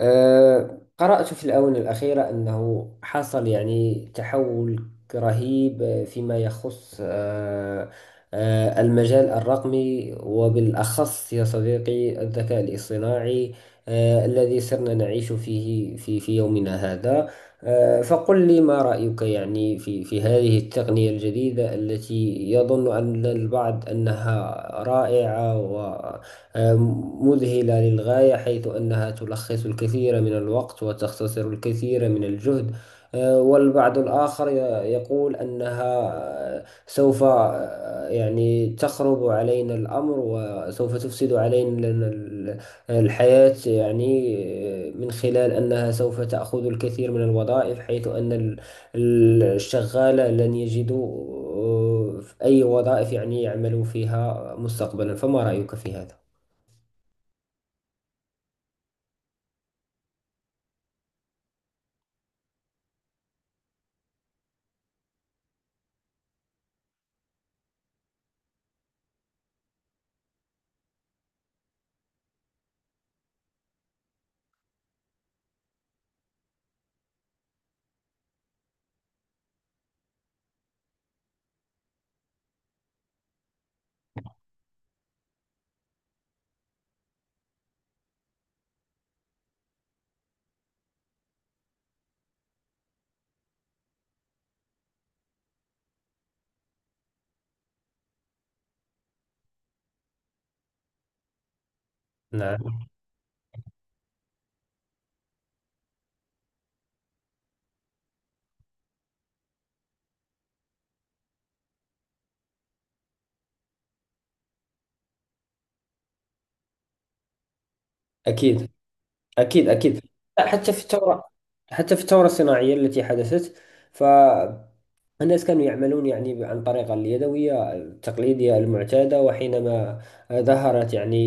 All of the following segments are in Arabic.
قرأت في الآونة الأخيرة أنه حصل يعني تحول رهيب فيما يخص أه، أه، المجال الرقمي وبالأخص يا صديقي الذكاء الاصطناعي، الذي صرنا نعيش فيه في يومنا هذا. فقل لي ما رأيك يعني في هذه التقنية الجديدة التي يظن أن البعض أنها رائعة مذهلة للغاية، حيث أنها تلخص الكثير من الوقت وتختصر الكثير من الجهد. والبعض الآخر يقول أنها سوف يعني تخرب علينا الأمر وسوف تفسد علينا الحياة، يعني من خلال أنها سوف تأخذ الكثير من الوظائف، حيث أن الشغال لن يجدوا أي وظائف يعني يعملوا فيها مستقبلا. فما رأيك في هذا؟ نعم. أكيد. أكيد أكيد. لا، حتى في الثورة، حتى في الثورة الصناعية التي حدثت، ف الناس كانوا يعملون يعني عن طريق اليدوية التقليدية المعتادة، وحينما ظهرت يعني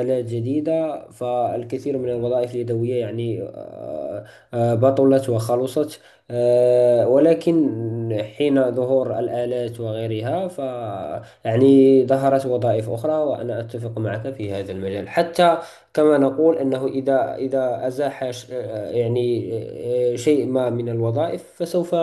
آلات جديدة فالكثير من الوظائف اليدوية يعني بطلت وخلصت. ولكن حين ظهور الآلات وغيرها، يعني ظهرت وظائف أخرى، وأنا أتفق معك في هذا المجال. حتى كما نقول أنه إذا أزاح شيء ما من الوظائف فسوف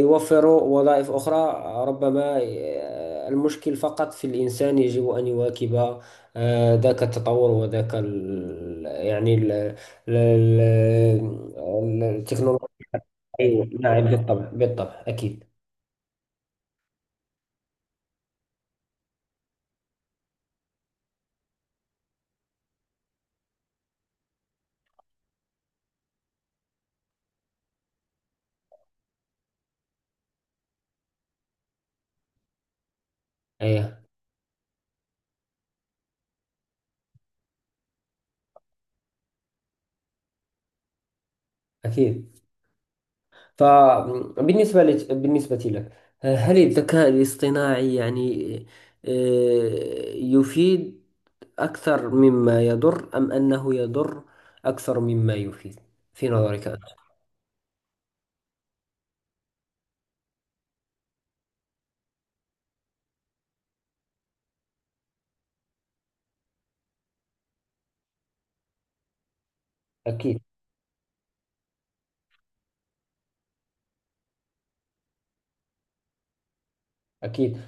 يوفروا وظائف أخرى. ربما المشكل فقط في الإنسان، يجب أن يواكب ذاك التطور وذاك ال يعني ال ال ال- التكنولوجيا. أيوة. نعم، بالطبع بالطبع أكيد. أيه. أكيد. بالنسبة لك، هل الذكاء الاصطناعي يعني يفيد أكثر مما يضر، أم أنه يضر أكثر مما يفيد في نظرك أنت؟ أكيد. أكيد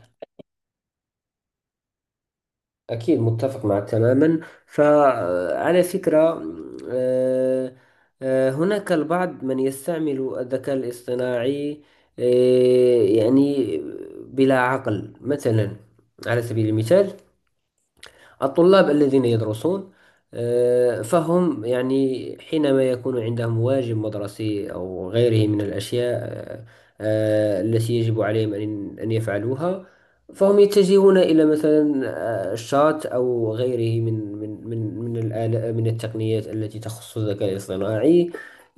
أكيد. متفق معك تماما. فعلى فكرة، آه، هناك البعض من يستعمل الذكاء الاصطناعي يعني بلا عقل. مثلا على سبيل المثال، الطلاب الذين يدرسون، فهم يعني حينما يكون عندهم واجب مدرسي أو غيره من الأشياء التي يجب عليهم أن يفعلوها، فهم يتجهون إلى مثلا الشات أو غيره من الآلة، من التقنيات التي تخص الذكاء الاصطناعي.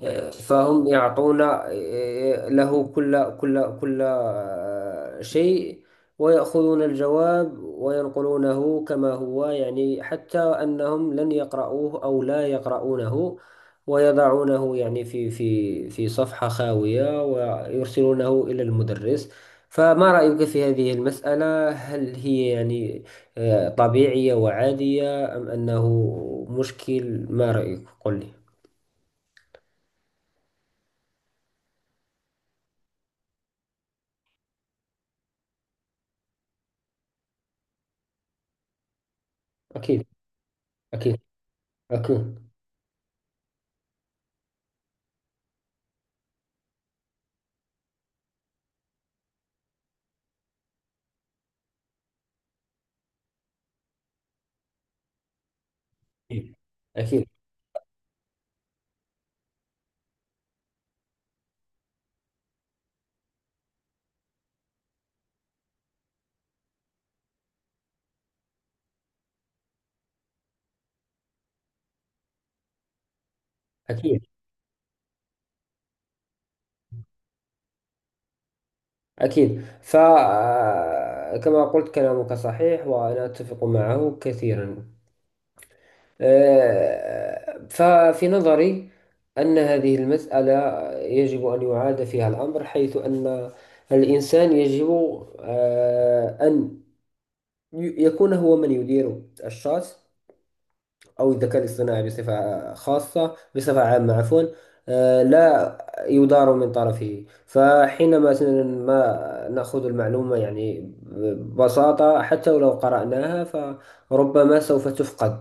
فهم يعطون له كل شيء، ويأخذون الجواب وينقلونه كما هو، يعني حتى أنهم لن يقرأوه أو لا يقرؤونه، ويضعونه يعني في صفحة خاوية ويرسلونه إلى المدرس. فما رأيك في هذه المسألة؟ هل هي يعني طبيعية وعادية، أم أنه مشكل؟ ما رأيك؟ قل لي. أكيد. أكيد. أكيد أكيد. أكيد. أكيد. فكما قلت، كلامك صحيح وأنا أتفق معه كثيرا. ففي نظري أن هذه المسألة يجب أن يعاد فيها الأمر، حيث أن الإنسان يجب أن يكون هو من يدير الشخص أو الذكاء الاصطناعي بصفة خاصة، بصفة عامة عفوا، لا يدار من طرفه. فحينما مثلا ما نأخذ المعلومة يعني ببساطة، حتى ولو قرأناها فربما سوف تفقد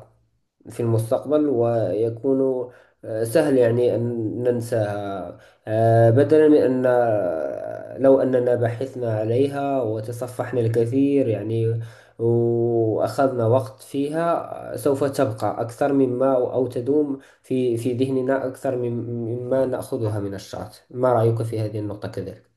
في المستقبل، ويكون سهل يعني أن ننساها. بدلا من أن لو أننا بحثنا عليها وتصفحنا الكثير يعني وأخذنا وقت فيها، سوف تبقى أكثر مما، أو تدوم في ذهننا أكثر مما نأخذها من الشات. ما رأيك في هذه النقطة كذلك؟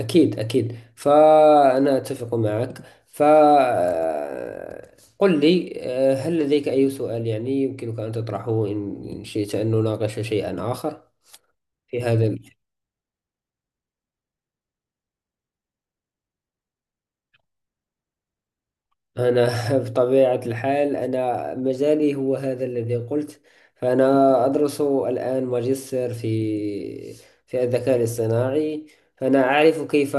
أكيد أكيد. فأنا أتفق معك. فقل لي، هل لديك أي سؤال يعني يمكنك أن تطرحه، إن شئت أن نناقش شيئا آخر في هذا. أنا بطبيعة الحال أنا مجالي هو هذا الذي قلت. فأنا أدرس الآن ماجستير في الذكاء الاصطناعي، فأنا أعرف كيف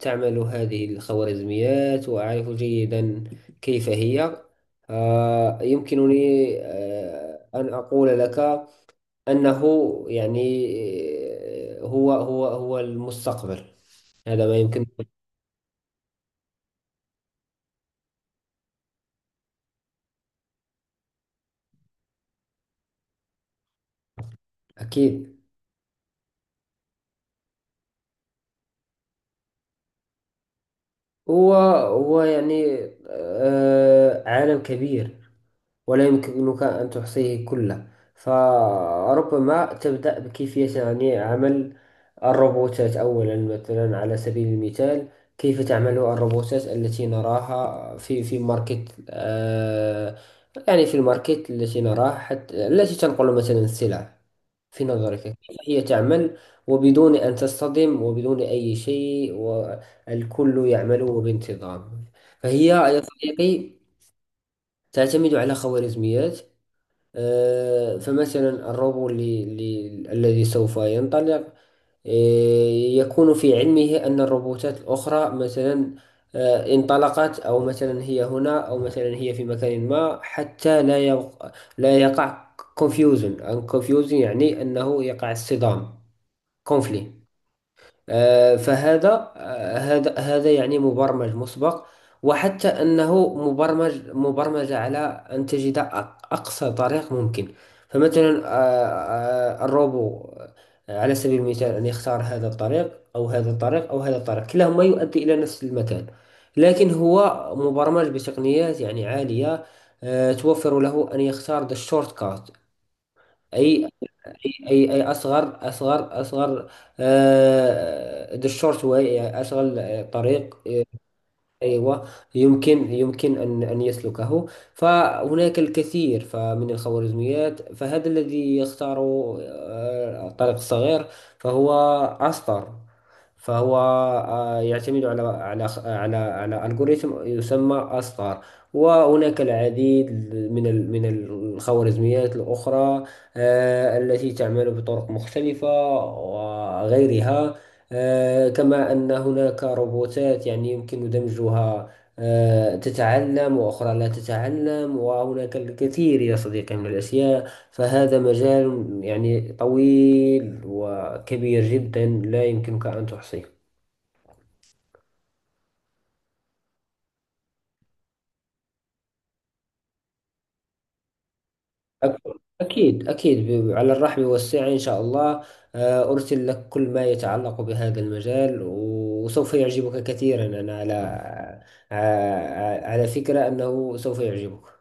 تعمل هذه الخوارزميات، وأعرف جيدا كيف هي. يمكنني أن أقول لك أنه يعني هو المستقبل، هذا ما يمكن. أكيد. هو هو يعني آه عالم كبير، ولا يمكنك أن تحصيه كله. فربما تبدأ بكيفية يعني عمل الروبوتات أولا، مثلا على سبيل المثال، كيف تعمل الروبوتات التي نراها في ماركت، آه يعني في الماركت التي نراها، حتى التي تنقل مثلا السلع. في نظرك كيف هي تعمل وبدون أن تصطدم وبدون أي شيء، والكل يعمل بانتظام؟ فهي يا صديقي تعتمد على خوارزميات. فمثلا الروبو اللي الذي سوف ينطلق آه، يكون في علمه أن الروبوتات الأخرى مثلا انطلقت، أو مثلا هي هنا، أو مثلا هي في مكان ما، حتى لا يقع confusion and confusion، يعني أنه يقع اصطدام، conflict. فهذا هذا هذا يعني مبرمج مسبق، وحتى أنه مبرمج على أن تجد أقصى طريق ممكن. فمثلا الروبو، على سبيل المثال، أن يختار هذا الطريق أو هذا الطريق أو هذا الطريق، كلاهما يؤدي إلى نفس المكان، لكن هو مبرمج بتقنيات يعني عالية توفر له أن يختار the shortcut، أي اي اصغر اصغر، ذا شورت واي، اشغل طريق ايوه يمكن، يمكن ان يسلكه. فهناك الكثير فمن الخوارزميات، فهذا الذي يختار الطريق الصغير، فهو اصطر، فهو يعتمد على ألغوريثم يسمى أستار. وهناك العديد من من الخوارزميات الأخرى التي تعمل بطرق مختلفة وغيرها. كما أن هناك روبوتات يعني يمكن دمجها، تتعلم وأخرى لا تتعلم، وهناك الكثير يا صديقي من الأشياء. فهذا مجال يعني طويل وكبير جدا، لا يمكنك أن تحصيه. أكيد أكيد. على الرحب والسعة إن شاء الله. أرسل لك كل ما يتعلق بهذا المجال وسوف يعجبك كثيرا. أنا على على فكرة أنه سوف يعجبك.